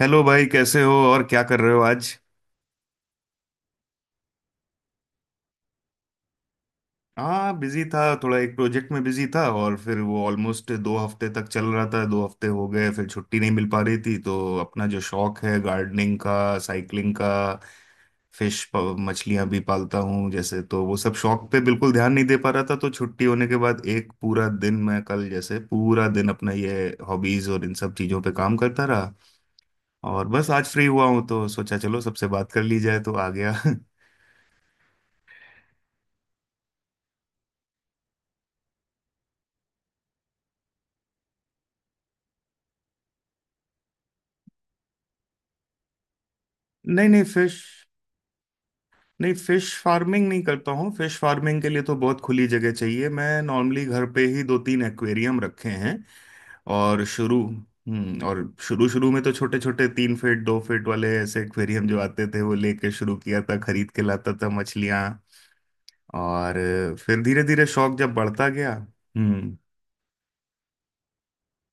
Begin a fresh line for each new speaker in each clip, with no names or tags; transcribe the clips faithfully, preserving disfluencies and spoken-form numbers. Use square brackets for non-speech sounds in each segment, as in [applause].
Hello भाई, कैसे हो और क्या कर रहे हो आज। हाँ, बिजी था, थोड़ा एक प्रोजेक्ट में बिजी था, और फिर वो ऑलमोस्ट दो हफ्ते तक चल रहा था, दो हफ्ते हो गए, फिर छुट्टी नहीं मिल पा रही थी, तो अपना जो शौक है गार्डनिंग का, साइकिलिंग का, फिश मछलियां भी पालता हूँ जैसे, तो वो सब शौक पे बिल्कुल ध्यान नहीं दे पा रहा था। तो छुट्टी होने के बाद एक पूरा दिन, मैं कल जैसे पूरा दिन अपना ये हॉबीज और इन सब चीजों पे काम करता रहा, और बस आज फ्री हुआ हूँ, तो सोचा चलो सबसे बात कर ली जाए, तो आ गया [laughs] नहीं नहीं, फिश। नहीं, फिश फार्मिंग नहीं करता हूँ। फिश फार्मिंग के लिए तो बहुत खुली जगह चाहिए। मैं नॉर्मली घर पे ही दो तीन एक्वेरियम रखे हैं और शुरू। हम्म, और शुरू शुरू में तो छोटे छोटे तीन फीट दो फीट वाले ऐसे एक्वेरियम जो आते थे, वो लेके शुरू किया था, खरीद के लाता था मछलियाँ, और फिर धीरे धीरे शौक जब बढ़ता गया। हम्म।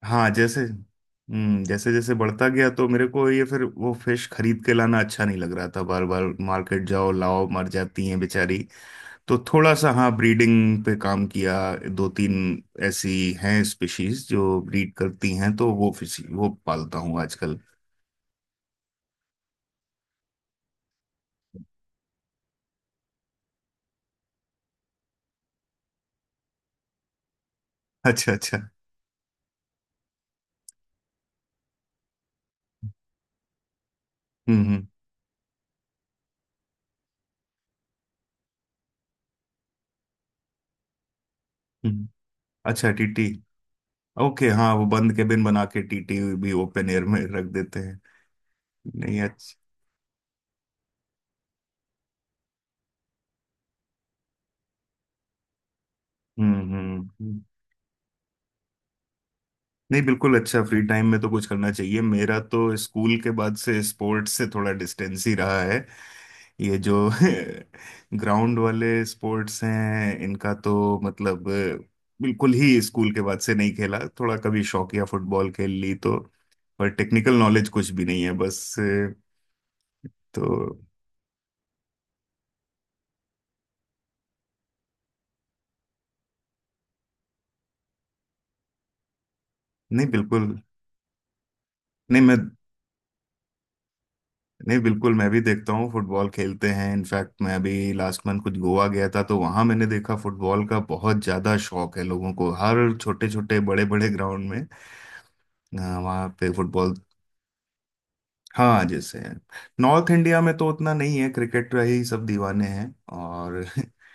हाँ जैसे। हम्म, जैसे जैसे बढ़ता गया, तो मेरे को ये फिर वो फिश खरीद के लाना अच्छा नहीं लग रहा था, बार बार मार्केट जाओ, लाओ, मर जाती हैं बेचारी, तो थोड़ा सा हाँ ब्रीडिंग पे काम किया। दो तीन ऐसी हैं स्पीशीज जो ब्रीड करती हैं, तो वो फिश वो पालता हूँ आजकल। अच्छा अच्छा। हम्म हम्म हम्म। अच्छा, टीटी। ओके, हाँ, वो बंद केबिन बना के टीटी भी ओपन एयर में रख देते हैं। नहीं, अच्छा। हम्म हम्म हम्म। नहीं बिल्कुल, अच्छा, फ्री टाइम में तो कुछ करना चाहिए। मेरा तो स्कूल के बाद से स्पोर्ट्स से थोड़ा डिस्टेंस ही रहा है। ये जो [laughs] ग्राउंड वाले स्पोर्ट्स हैं, इनका तो मतलब बिल्कुल ही स्कूल के बाद से नहीं खेला, थोड़ा कभी शौकिया फुटबॉल खेल ली, तो पर टेक्निकल नॉलेज कुछ भी नहीं है बस। तो नहीं बिल्कुल नहीं मैं नहीं बिल्कुल, मैं भी देखता हूँ फुटबॉल खेलते हैं। इनफैक्ट मैं अभी लास्ट मंथ कुछ गोवा गया था, तो वहां मैंने देखा फुटबॉल का बहुत ज्यादा शौक है लोगों को, हर छोटे छोटे बड़े बड़े ग्राउंड में वहां पे फुटबॉल। हाँ जैसे नॉर्थ इंडिया में तो उतना नहीं है, क्रिकेट का ही सब दीवाने हैं और [laughs]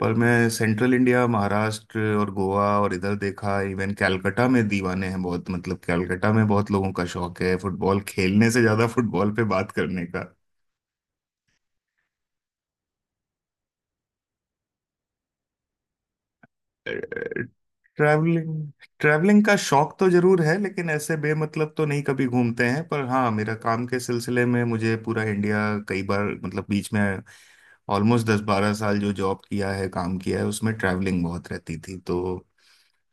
पर मैं सेंट्रल इंडिया, महाराष्ट्र और गोवा और इधर देखा, इवन कैलकाटा में दीवाने हैं बहुत। मतलब कैलकाटा में बहुत लोगों का शौक है, फुटबॉल खेलने से ज्यादा फुटबॉल पे बात करने का। ट्रैवलिंग। ट्रैवलिंग का शौक तो जरूर है, लेकिन ऐसे बेमतलब तो नहीं कभी घूमते हैं, पर हाँ मेरा काम के सिलसिले में मुझे पूरा इंडिया कई बार, मतलब बीच में ऑलमोस्ट दस बारह साल जो जॉब किया है, काम किया है, उसमें ट्रैवलिंग बहुत रहती थी, तो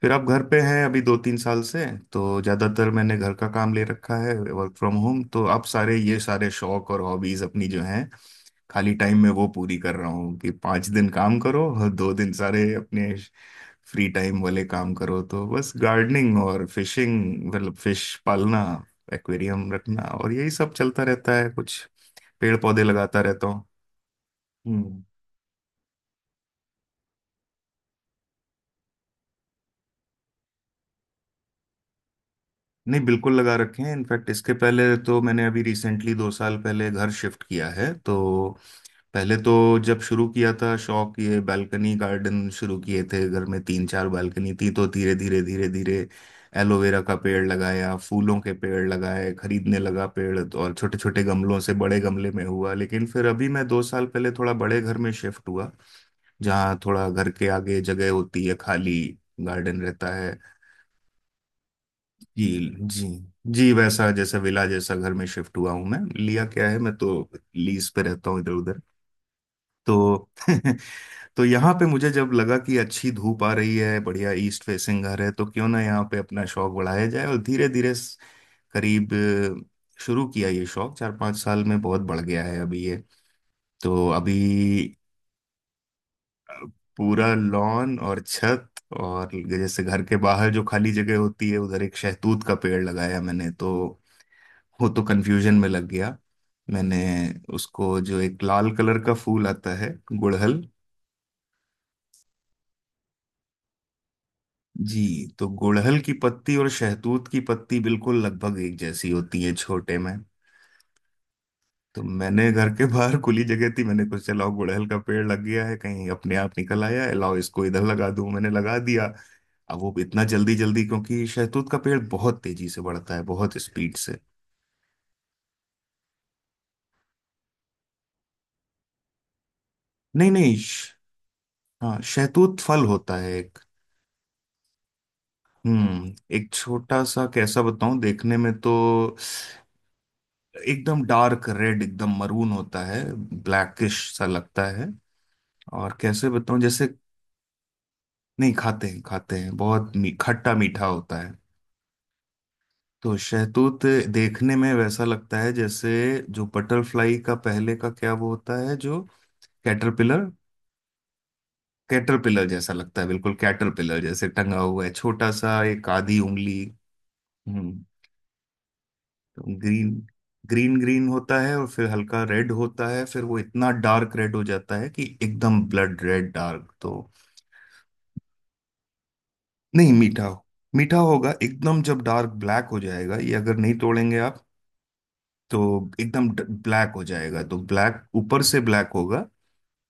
फिर आप घर पे हैं अभी दो तीन साल से, तो ज़्यादातर मैंने घर का काम ले रखा है वर्क फ्रॉम होम, तो आप सारे ये सारे शौक और हॉबीज अपनी जो हैं खाली टाइम में वो पूरी कर रहा हूँ। कि पाँच दिन काम करो और दो दिन सारे अपने फ्री टाइम वाले काम करो, तो बस गार्डनिंग और फिशिंग, मतलब फिश पालना, एक्वेरियम रखना, और यही सब चलता रहता है, कुछ पेड़ पौधे लगाता रहता हूँ। हम्म। नहीं बिल्कुल, लगा रखे हैं। इनफैक्ट इसके पहले तो मैंने अभी रिसेंटली दो साल पहले घर शिफ्ट किया है, तो पहले तो जब शुरू किया था शौक, ये बालकनी गार्डन शुरू किए थे घर में, तीन चार बालकनी थी, तो धीरे धीरे धीरे धीरे एलोवेरा का पेड़ लगाया, फूलों के पेड़ लगाए, खरीदने लगा पेड़ तो, और छोटे छोटे गमलों से बड़े गमले में हुआ। लेकिन फिर अभी मैं दो साल पहले थोड़ा बड़े घर में शिफ्ट हुआ, जहाँ थोड़ा घर के आगे जगह होती है, खाली गार्डन रहता है। जी, जी, जी, वैसा जैसे विला जैसा घर में शिफ्ट हुआ हूं मैं। लिया क्या है, मैं तो लीज पे रहता हूँ इधर उधर, तो [laughs] तो यहाँ पे मुझे जब लगा कि अच्छी धूप आ रही है, बढ़िया ईस्ट फेसिंग घर है, तो क्यों ना यहाँ पे अपना शौक बढ़ाया जाए, और धीरे धीरे करीब अ, शुरू किया, ये शौक चार पांच साल में बहुत बढ़ गया है अभी ये, तो अभी पूरा लॉन और छत, और जैसे घर के बाहर जो खाली जगह होती है, उधर एक शहतूत का पेड़ लगाया मैंने, तो वो तो कंफ्यूजन में लग गया मैंने। उसको जो एक लाल कलर का फूल आता है, गुड़हल। जी, तो गुड़हल की पत्ती और शहतूत की पत्ती बिल्कुल लगभग एक जैसी होती है छोटे में। तो मैंने घर के बाहर खुली जगह थी, मैंने कुछ चलाओ गुड़हल का पेड़ लग गया है कहीं अपने आप निकल आया है, लाओ इसको इधर लगा दूं, मैंने लगा दिया। अब वो इतना जल्दी जल्दी, क्योंकि शहतूत का पेड़ बहुत तेजी से बढ़ता है, बहुत स्पीड से। नहीं नहीं श- हाँ, शहतूत फल होता है एक, हम्म, एक छोटा सा, कैसा बताऊं देखने में, तो एकदम डार्क रेड, एकदम मरून होता है, ब्लैकिश सा लगता है। और कैसे बताऊं जैसे, नहीं खाते हैं, खाते हैं बहुत, मी, खट्टा मीठा होता है। तो शहतूत देखने में वैसा लगता है जैसे, जो बटरफ्लाई का पहले का क्या वो होता है जो, कैटरपिलर। कैटरपिलर जैसा लगता है, बिल्कुल कैटरपिलर जैसे टंगा हुआ है छोटा सा, एक आधी उंगली। हम्म। तो ग्रीन ग्रीन ग्रीन होता है, और फिर हल्का रेड होता है, फिर वो इतना डार्क रेड हो जाता है कि एकदम ब्लड रेड डार्क। तो नहीं, मीठा हो, मीठा होगा एकदम जब डार्क ब्लैक हो जाएगा ये, अगर नहीं तोड़ेंगे आप, तो एकदम ब्लैक हो जाएगा। तो ब्लैक, ऊपर से ब्लैक होगा,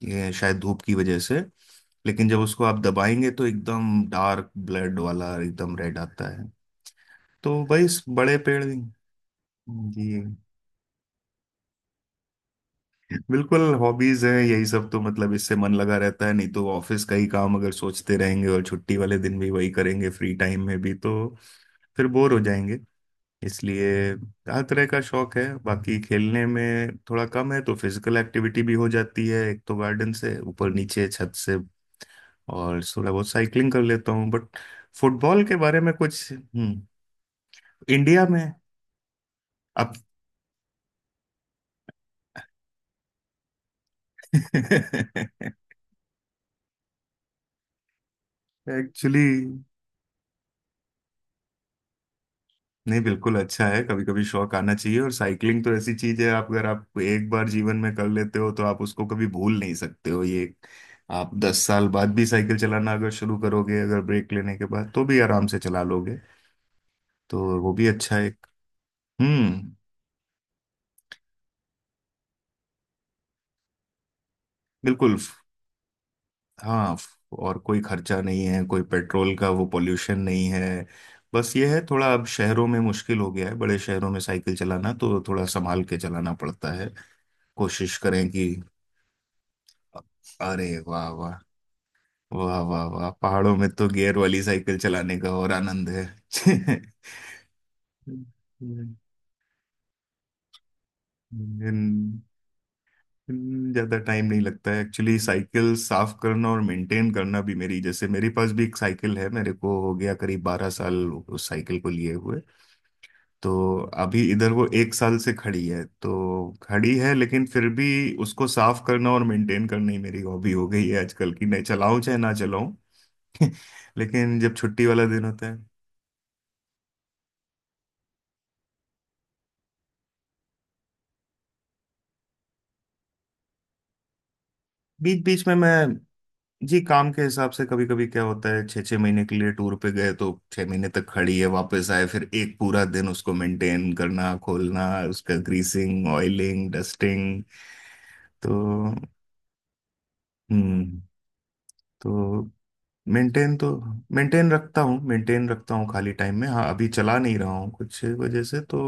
ये शायद धूप की वजह से, लेकिन जब उसको आप दबाएंगे तो एकदम डार्क ब्लड वाला, एकदम रेड आता है। तो भाई इस बड़े पेड़। जी, बिल्कुल हॉबीज है यही सब, तो मतलब इससे मन लगा रहता है, नहीं तो ऑफिस का ही काम अगर सोचते रहेंगे और छुट्टी वाले दिन भी वही करेंगे फ्री टाइम में भी, तो फिर बोर हो जाएंगे, इसलिए हर तरह का शौक है। बाकी खेलने में थोड़ा कम है, तो फिजिकल एक्टिविटी भी हो जाती है एक तो गार्डन से ऊपर नीचे छत से, और थोड़ा बहुत साइकिलिंग कर लेता हूँ, बट फुटबॉल के बारे में कुछ, हम्म, इंडिया में अब [laughs] एक्चुअली नहीं बिल्कुल अच्छा है, कभी कभी शौक आना चाहिए, और साइकिलिंग तो ऐसी चीज है, आप अगर आप एक बार जीवन में कर लेते हो तो आप उसको कभी भूल नहीं सकते हो ये। आप दस साल बाद भी साइकिल चलाना अगर शुरू करोगे, अगर ब्रेक लेने के बाद, तो भी आराम से चला लोगे, तो वो भी अच्छा है। हम्म। बिल्कुल। हाँ, और कोई खर्चा नहीं है, कोई पेट्रोल का वो पोल्यूशन नहीं है, बस ये है थोड़ा अब शहरों में मुश्किल हो गया है, बड़े शहरों में साइकिल चलाना, तो थोड़ा संभाल के चलाना पड़ता है, कोशिश करें कि। अरे वाह वाह, वाह वाह वाह, पहाड़ों में तो गियर वाली साइकिल चलाने का और आनंद है [laughs] इन- इन- ज्यादा टाइम नहीं लगता है एक्चुअली साइकिल साफ करना और मेंटेन करना भी। मेरी जैसे, मेरे पास भी एक साइकिल है, मेरे को हो गया करीब बारह साल उस साइकिल को लिए हुए, तो अभी इधर वो एक साल से खड़ी है, तो खड़ी है, लेकिन फिर भी उसको साफ करना और मेंटेन करना ही मेरी हॉबी हो गई है आजकल की, नहीं चलाऊं चाहे ना चलाऊं [laughs] लेकिन जब छुट्टी वाला दिन होता है, बीच बीच में मैं, जी, काम के हिसाब से, कभी कभी क्या होता है छः छः महीने के लिए टूर पे गए, तो छः महीने तक खड़ी है, वापस आए फिर एक पूरा दिन उसको मेंटेन करना, खोलना, उसका ग्रीसिंग, ऑयलिंग, डस्टिंग, तो हम्म। तो मेंटेन तो मेंटेन रखता हूँ, मेंटेन रखता हूँ खाली टाइम में, हाँ अभी चला नहीं रहा हूँ कुछ वजह से, तो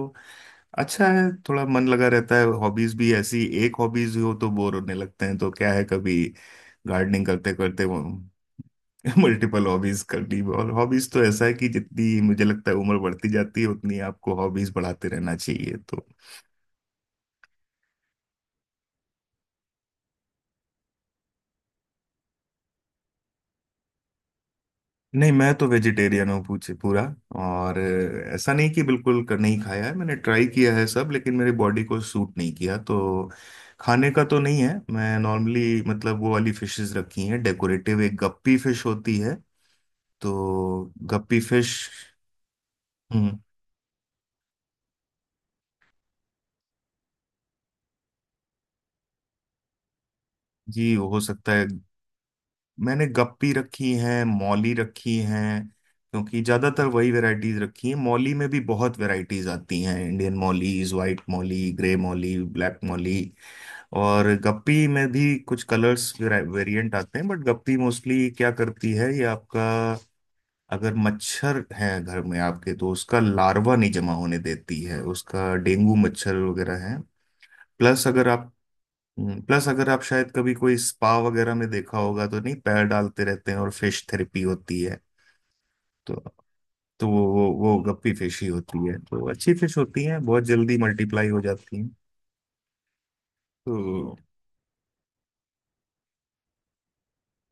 अच्छा है, थोड़ा मन लगा रहता है। हॉबीज भी ऐसी एक हॉबीज हो तो बोर होने लगते हैं, तो क्या है कभी गार्डनिंग करते करते, मल्टीपल हॉबीज करनी। और हॉबीज तो ऐसा है कि जितनी मुझे लगता है उम्र बढ़ती जाती है, उतनी आपको हॉबीज बढ़ाते रहना चाहिए तो। नहीं, मैं तो वेजिटेरियन हूँ पूछे पूरा, और अ, ऐसा नहीं कि बिल्कुल कर नहीं खाया है, मैंने ट्राई किया है सब, लेकिन मेरी बॉडी को सूट नहीं किया, तो खाने का तो नहीं है। मैं नॉर्मली मतलब वो वाली फिशेस रखी हैं डेकोरेटिव, एक गप्पी फिश होती है, तो गप्पी फिश। हम्म। जी, हो सकता है। मैंने गप्पी रखी हैं, मौली रखी हैं, क्योंकि ज्यादातर वही वैरायटीज रखी हैं। मौली में भी बहुत वैरायटीज आती हैं, Indian mollies, white molly, grey molly, black molly, और गप्पी में भी कुछ कलर्स वेरिएंट आते हैं, बट गप्पी मोस्टली क्या करती है, ये आपका अगर मच्छर है घर में आपके, तो उसका लार्वा नहीं जमा होने देती है, उसका डेंगू मच्छर वगैरह है। प्लस अगर आप, हम्म, प्लस अगर आप शायद कभी कोई स्पा वगैरह में देखा होगा तो, नहीं पैर डालते रहते हैं, और फिश थेरेपी होती है, तो तो वो वो वो गप्पी फिश ही होती है, तो अच्छी फिश होती है, बहुत जल्दी मल्टीप्लाई हो जाती हैं, तो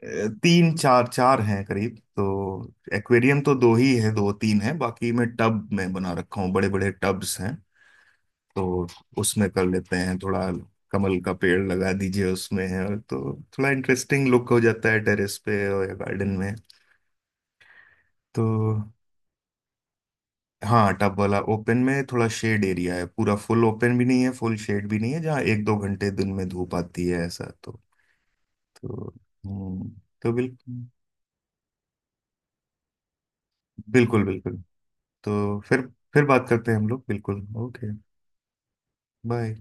अ, तीन चार, चार हैं करीब, तो एक्वेरियम तो दो ही है, दो तीन है, बाकी मैं टब में बना रखा हूँ, बड़े बड़े टब्स हैं, तो उसमें कर लेते हैं, थोड़ा कमल का पेड़ लगा दीजिए उसमें, और तो थोड़ा इंटरेस्टिंग लुक हो जाता है टेरेस पे और गार्डन में तो। हाँ, टब वाला ओपन में, थोड़ा शेड एरिया है, पूरा फुल ओपन भी नहीं है, फुल शेड भी नहीं है, जहाँ एक दो घंटे दिन में धूप आती है ऐसा, तो तो हम्म, तो बिल्कुल बिल्कुल बिल्कुल। तो फिर फिर बात करते हैं हम लोग, बिल्कुल, ओके, बाय।